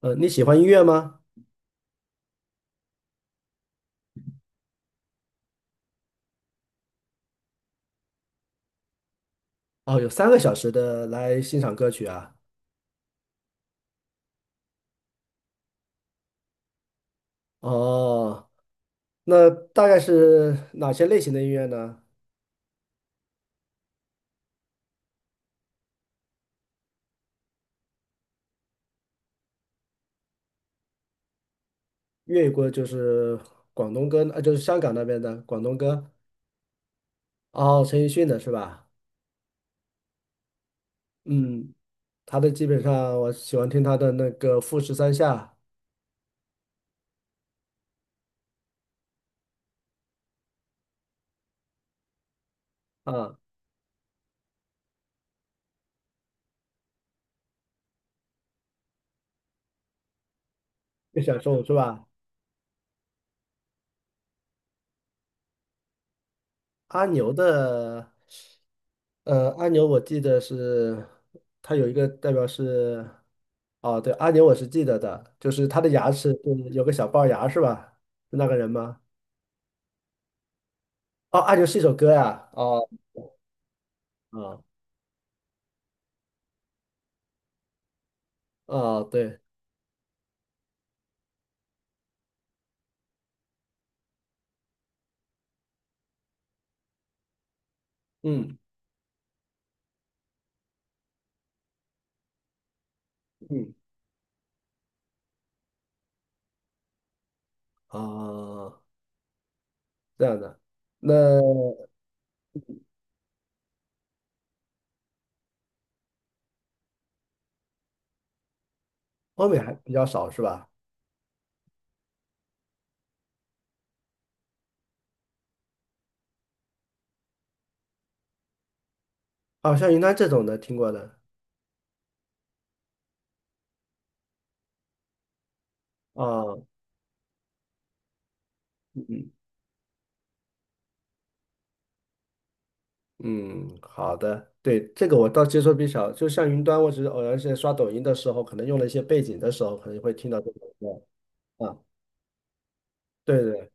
你喜欢音乐吗？哦，有3个小时的来欣赏歌曲啊。哦，那大概是哪些类型的音乐呢？粤语歌就是广东歌，就是香港那边的广东歌。哦，陈奕迅的是吧？嗯，他的基本上我喜欢听他的那个《富士山下》啊，《月享受》是吧？阿牛的，阿牛我记得是它有一个代表是，哦，对，阿牛我是记得的，就是他的牙齿就是有个小龅牙是吧？是那个人吗？哦，阿牛是一首歌呀，哦，哦，哦，对，嗯嗯，哦，这样的，那欧美还比较少是吧？哦，像云南这种的听过的，哦，嗯嗯嗯，好的，对，这个我倒接受比较，少，就像云端，我只是偶然间刷抖音的时候，可能用了一些背景的时候，可能会听到这首歌啊，对对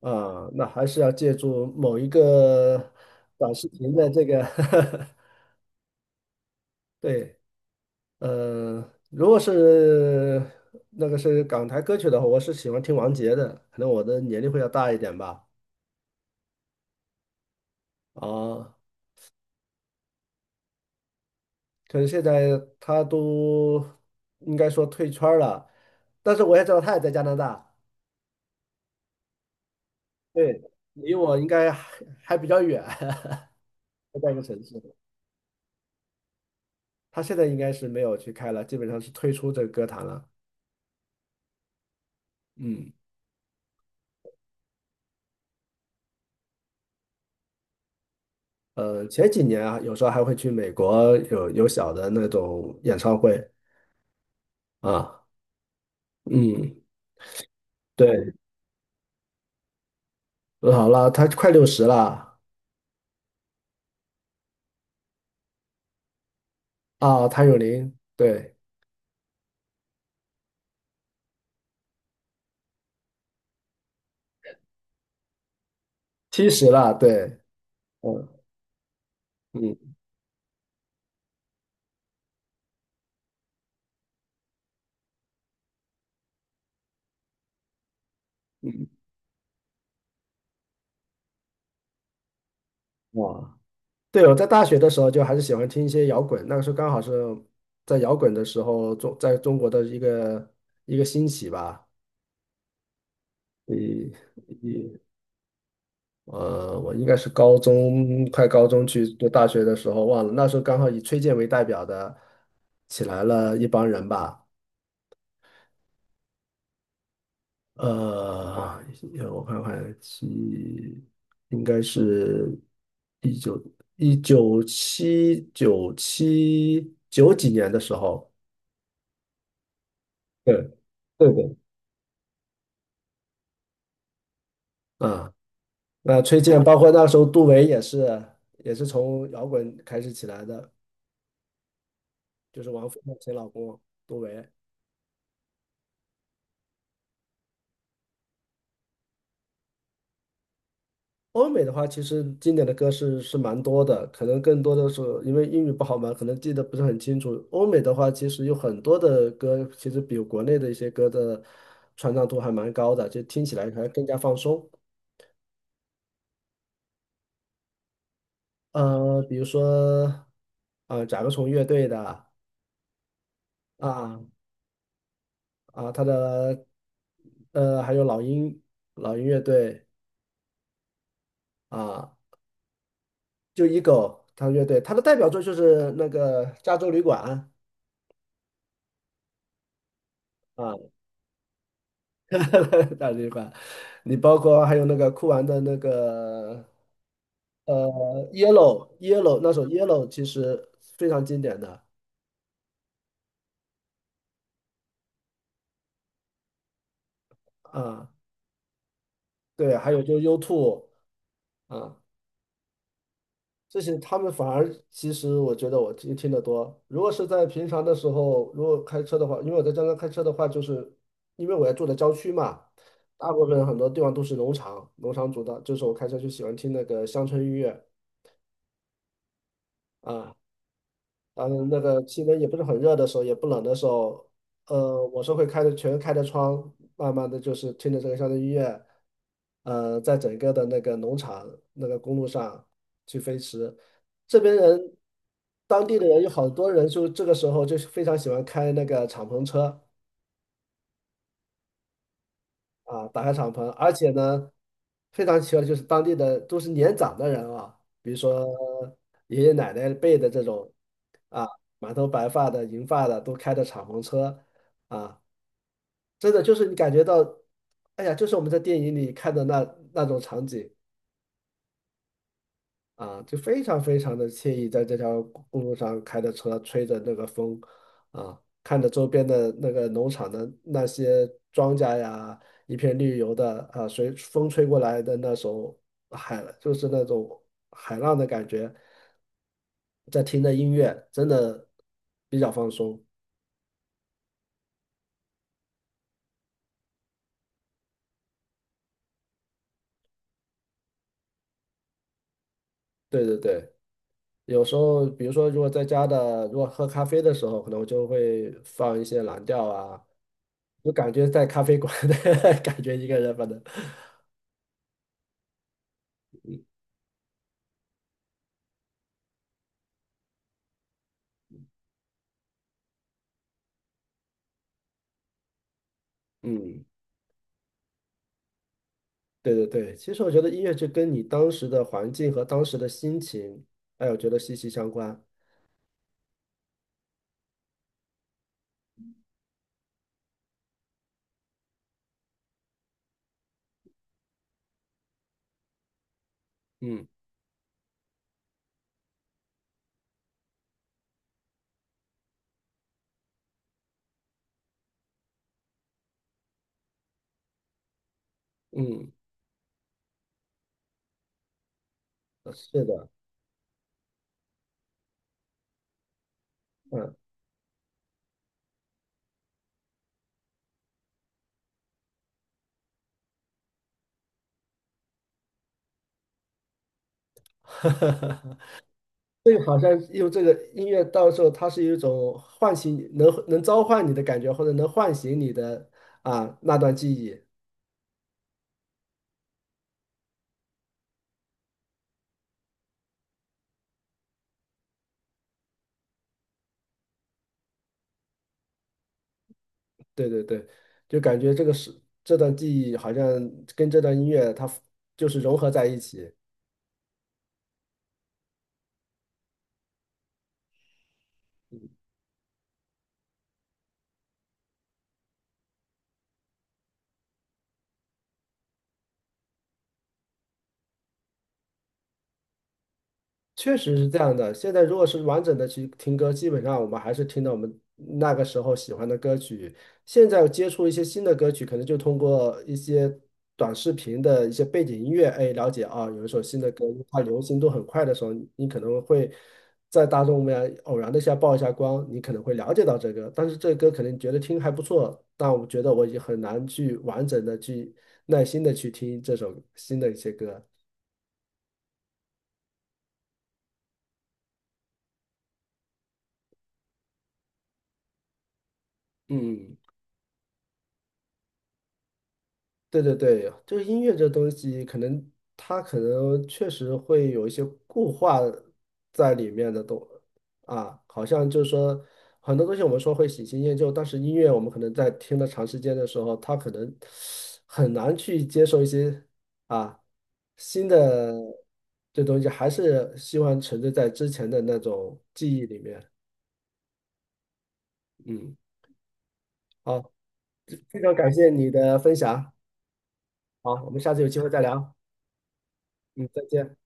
啊，那还是要借助某一个短视频的这个 对，呃，如果是那个是港台歌曲的话，我是喜欢听王杰的，可能我的年龄会要大一点吧，啊，可是现在他都应该说退圈儿了，但是我也知道他也在加拿大。对，离我应该还比较远，在一个城市。他现在应该是没有去开了，基本上是退出这个歌坛了。嗯，前几年啊，有时候还会去美国有小的那种演唱会啊。嗯，对，好了，他快60了啊，谭咏麟，对，70了，对，嗯嗯，哇，对，我在大学的时候就还是喜欢听一些摇滚，那个时候刚好是在摇滚的时候中在中国的一个一个兴起吧。我应该是高中，快高中去读大学的时候忘了，那时候刚好以崔健为代表的起来了一帮人吧。呃，我看看，七，应该是一九一九七九几年的时候，对，对对，啊、那崔健包括那时候杜维也是，也是从摇滚开始起来的，就是王菲的前老公杜维。欧美的话，其实经典的歌是蛮多的，可能更多的是因为英语不好嘛，可能记得不是很清楚。欧美的话，其实有很多的歌，其实比国内的一些歌的传唱度还蛮高的，就听起来还更加放松。比如说，啊，甲壳虫乐队的啊啊，他的还有老鹰乐队啊，就 Eagle 他乐队，他的代表作就是那个《加州旅馆》啊。大嘴巴，你包括还有那个酷玩的那个呃 Yellow 那首 Yellow 其实非常经典的啊，对，还有就是 u o 啊，这些他们反而其实我觉得我听得多。如果是在平常的时候，如果开车的话，因为我在江南开车的话，就是因为我要住在郊区嘛，大部分很多地方都是农场，农场主的，就是我开车就喜欢听那个乡村音乐。啊。当然那个气温也不是很热的时候，也不冷的时候，我是会开着全开着窗，慢慢的就是听着这个乡村音乐，在整个的那个农场那个公路上去飞驰。这边人，当地的人有好多人就这个时候就是非常喜欢开那个敞篷车。啊，打开敞篷，而且呢，非常奇怪的就是当地的都是年长的人啊，比如说爷爷奶奶辈的这种啊，满头白发的、银发的都开着敞篷车啊，真的就是你感觉到，哎呀，就是我们在电影里看的那种场景啊，就非常非常的惬意，在这条公路上开着车，吹着那个风，啊，看着周边的那个农场的那些庄稼呀，一片绿油的啊，随风吹过来的那首海，就是那种海浪的感觉，在听着音乐，真的比较放松。对对对，有时候比如说如果在家的，如果喝咖啡的时候，可能我就会放一些蓝调啊，就感觉在咖啡馆的 感觉一个人，反正。嗯，对对对，其实我觉得音乐就跟你当时的环境和当时的心情，哎，我觉得息息相关。嗯嗯，是的，嗯，这个好像用这个音乐，到时候它是一种唤醒你，能召唤你的感觉，或者能唤醒你的啊那段记忆。对对对，就感觉这个是这段记忆好像跟这段音乐它就是融合在一起。确实是这样的。现在如果是完整的去听歌，基本上我们还是听到我们那个时候喜欢的歌曲。现在接触一些新的歌曲，可能就通过一些短视频的一些背景音乐，哎，了解啊，有一首新的歌，因为它流行度很快的时候，你可能会在大众面偶然的一下曝一下光，你可能会了解到这个。但是这个歌可能觉得听还不错，但我觉得我已经很难去完整的去耐心的去听这首新的一些歌。嗯。对对对，就是音乐这东西，可能它可能确实会有一些固化在里面的东啊，好像就是说很多东西我们说会喜新厌旧，但是音乐我们可能在听了长时间的时候，它可能很难去接受一些啊新的这东西，还是希望沉醉在之前的那种记忆里面。嗯，好，非常感谢你的分享，好，我们下次有机会再聊，嗯，再见。